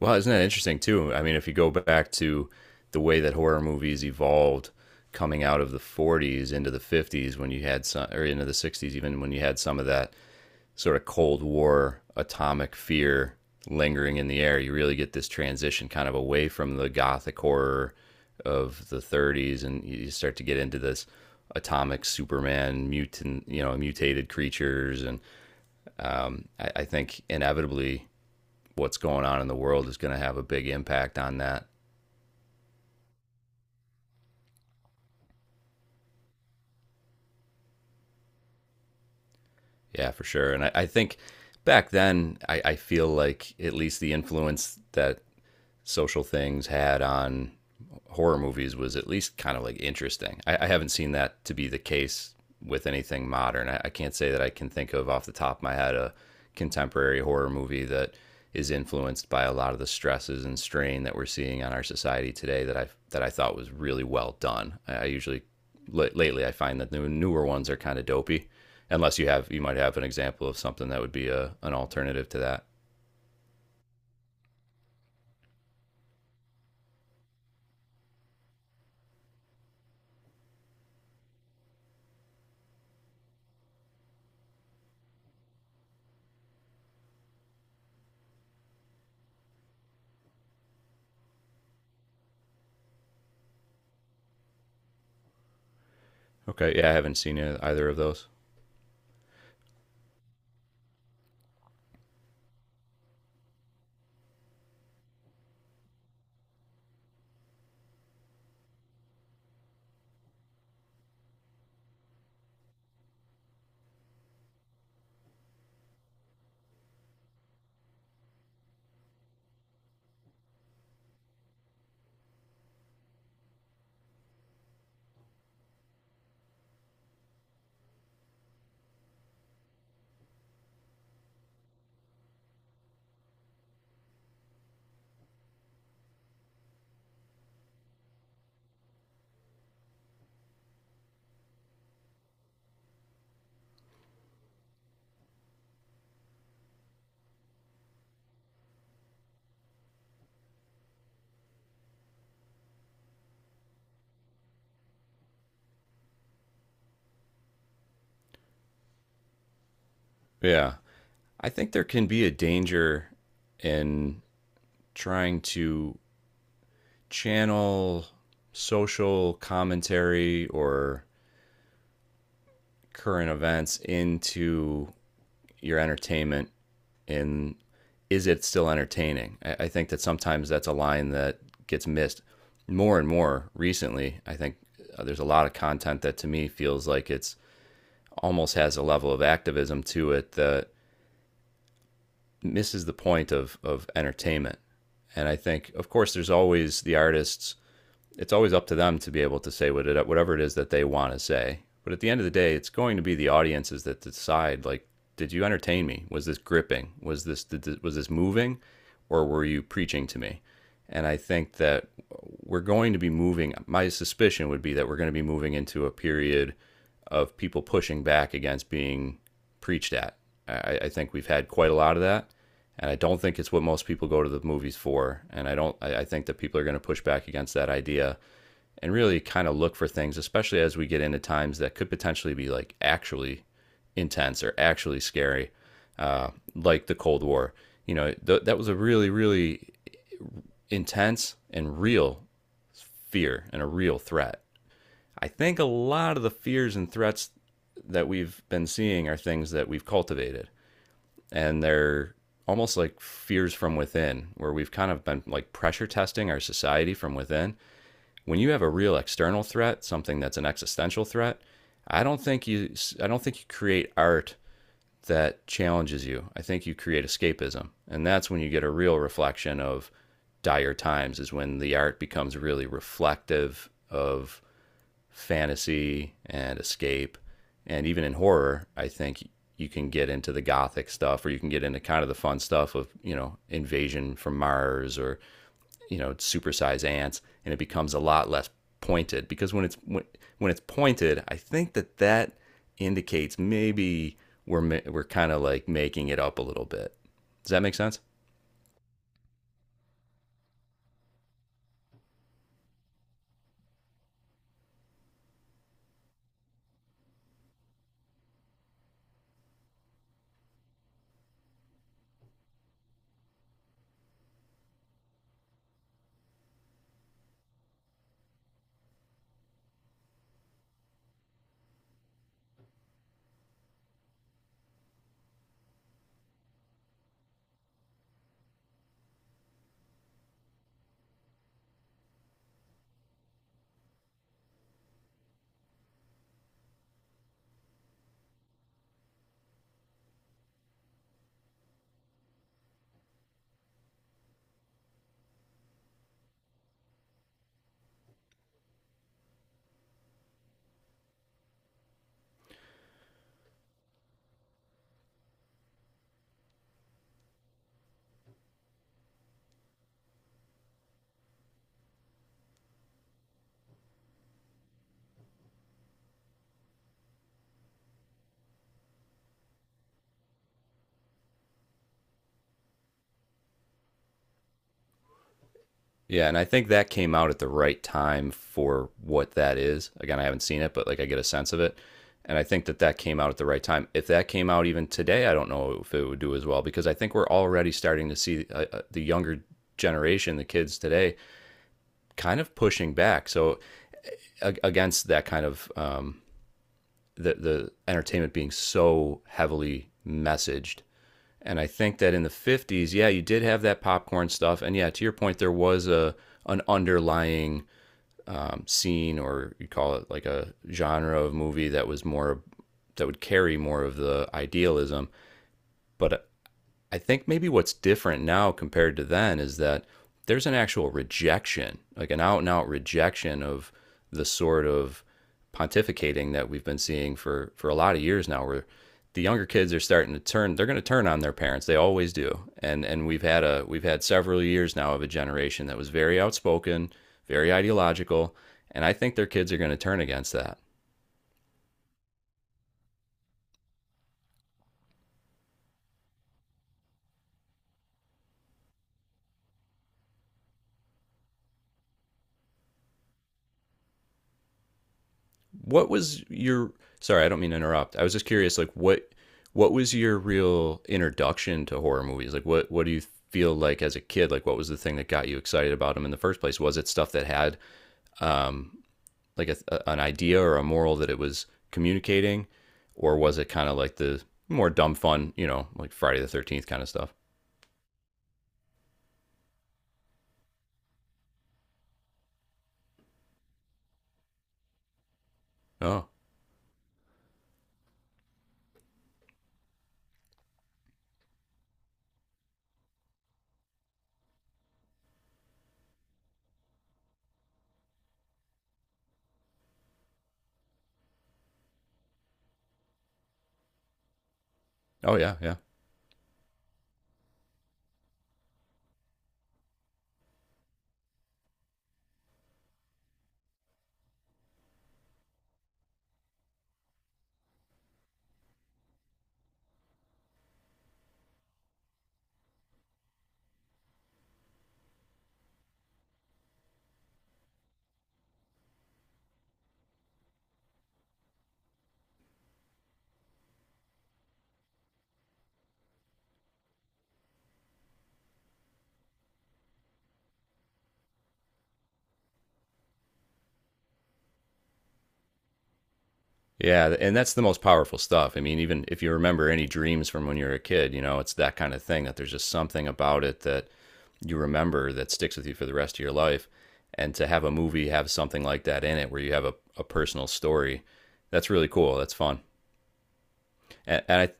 Well, isn't that interesting too? I mean, if you go back to the way that horror movies evolved coming out of the 40s into the 50s when you had some or into the 60s even when you had some of that sort of Cold War atomic fear lingering in the air. You really get this transition kind of away from the gothic horror of the 30s, and you start to get into this atomic superman mutant, you know, mutated creatures. And I think inevitably what's going on in the world is going to have a big impact on that. Yeah, for sure. And I think back then, I feel like at least the influence that social things had on horror movies was at least kind of like interesting. I haven't seen that to be the case with anything modern. I can't say that I can think of off the top of my head a contemporary horror movie that is influenced by a lot of the stresses and strain that we're seeing on our society today that I thought was really well done. I usually lately I find that the newer ones are kind of dopey, unless you might have an example of something that would be a an alternative to that. Okay, yeah, I haven't seen either of those. Yeah. I think there can be a danger in trying to channel social commentary or current events into your entertainment, and is it still entertaining? I think that sometimes that's a line that gets missed more and more recently. I think there's a lot of content that to me feels like it's almost has a level of activism to it that misses the point of entertainment. And I think, of course, there's always the artists. It's always up to them to be able to say whatever it is that they want to say. But at the end of the day, it's going to be the audiences that decide. Like, did you entertain me? Was this gripping? Was this moving, or were you preaching to me? And I think that we're going to be moving. My suspicion would be that we're going to be moving into a period of people pushing back against being preached at. I think we've had quite a lot of that, and I don't think it's what most people go to the movies for. And I don't. I think that people are going to push back against that idea, and really kind of look for things, especially as we get into times that could potentially be like actually intense or actually scary, uh, like the Cold War. You know, that was a really, really intense and real fear and a real threat. I think a lot of the fears and threats that we've been seeing are things that we've cultivated, and they're almost like fears from within, where we've kind of been like pressure testing our society from within. When you have a real external threat, something that's an existential threat, I don't think you I don't think you create art that challenges you. I think you create escapism. And that's when you get a real reflection of dire times, is when the art becomes really reflective of fantasy and escape. And even in horror, I think you can get into the gothic stuff, or you can get into kind of the fun stuff of, you know, invasion from Mars, or, you know, supersize ants. And it becomes a lot less pointed, because when it's pointed, I think that that indicates maybe we're kind of like making it up a little bit. Does that make sense? Yeah, and I think that came out at the right time for what that is. Again, I haven't seen it, but like I get a sense of it. And I think that that came out at the right time. If that came out even today, I don't know if it would do as well, because I think we're already starting to see the younger generation, the kids today, kind of pushing back. So against that kind of, the entertainment being so heavily messaged. And I think that in the '50s, yeah, you did have that popcorn stuff, and yeah, to your point, there was a an underlying, scene, or you call it like a genre of movie that would carry more of the idealism. But I think maybe what's different now compared to then is that there's an actual rejection, like an out and out rejection of the sort of pontificating that we've been seeing for a lot of years now, where the younger kids are starting to turn. They're going to turn on their parents. They always do. And we've had several years now of a generation that was very outspoken, very ideological, and I think their kids are going to turn against that. What was your Sorry, I don't mean to interrupt. I was just curious, like, what was your real introduction to horror movies? Like, what do you feel like as a kid? Like, what was the thing that got you excited about them in the first place? Was it stuff that had, um like an idea or a moral that it was communicating, or was it kind of like the more dumb fun, you know, like Friday the 13th kind of stuff? Oh, oh, yeah, yeah, yeah. And that's the most powerful stuff. I mean, even if you remember any dreams from when you were a kid, you know, it's that kind of thing that there's just something about it that you remember, that sticks with you for the rest of your life. And to have a movie have something like that in it, where you have a personal story, that's really cool. That's fun. And, and I,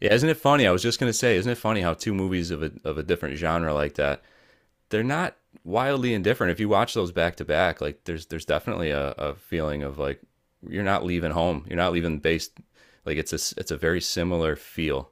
yeah, isn't it funny? I was just gonna say, isn't it funny how two movies of a different genre like that, they're not wildly indifferent. If you watch those back to back, like there's definitely a feeling of like you're not leaving home. You're not leaving. Based like it's a very similar feel.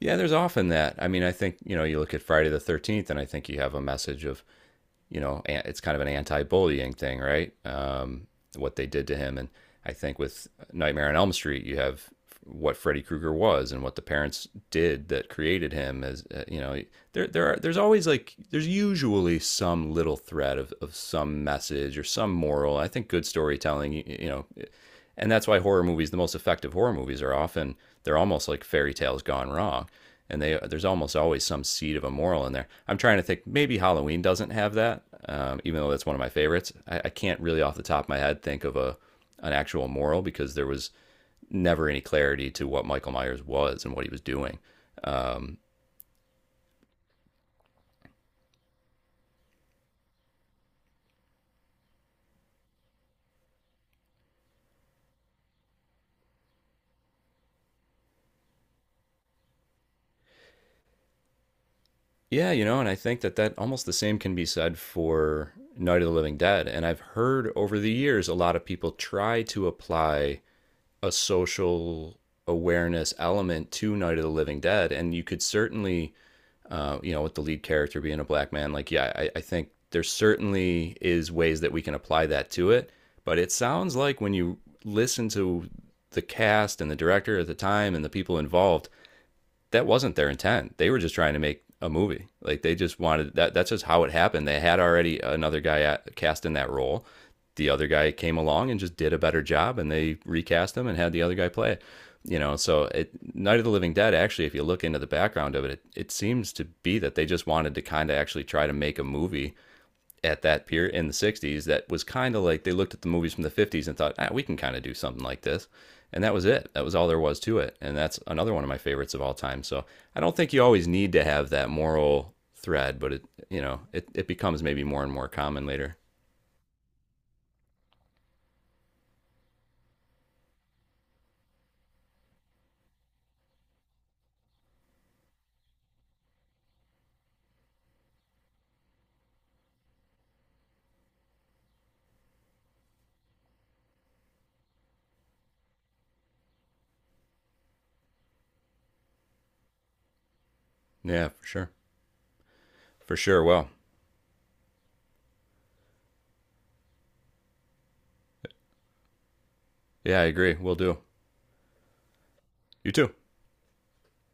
Yeah, there's often that. I mean, I think, you look at Friday the 13th, and I think you have a message of, you know, it's kind of an anti-bullying thing, right? What they did to him. And I think with Nightmare on Elm Street, you have what Freddy Krueger was and what the parents did that created him. As there's always, like, there's usually some little thread of some message or some moral. I think good storytelling, and that's why horror movies, the most effective horror movies, are often, they're almost like fairy tales gone wrong, and they there's almost always some seed of a moral in there. I'm trying to think, maybe Halloween doesn't have that, even though that's one of my favorites. I can't really off the top of my head think of a an actual moral, because there was never any clarity to what Michael Myers was and what he was doing. Yeah, you know, and I think that that almost the same can be said for Night of the Living Dead. And I've heard over the years a lot of people try to apply a social awareness element to Night of the Living Dead, and you could certainly, with the lead character being a black man, like, yeah, I think there certainly is ways that we can apply that to it. But it sounds like when you listen to the cast and the director at the time and the people involved, that wasn't their intent. They were just trying to make a movie. Like, they just wanted that. That's just how it happened. They had already another guy cast in that role. The other guy came along and just did a better job, and they recast him and had the other guy play it. You know, so Night of the Living Dead. Actually, if you look into the background of it, it seems to be that they just wanted to kind of actually try to make a movie at that period in the 60s that was kind of like they looked at the movies from the 50s and thought, ah, we can kind of do something like this. And that was it. That was all there was to it. And that's another one of my favorites of all time. So I don't think you always need to have that moral thread, but it, you know, it becomes maybe more and more common later. Yeah, for sure. For sure. Well, yeah, I agree. We'll do. You too.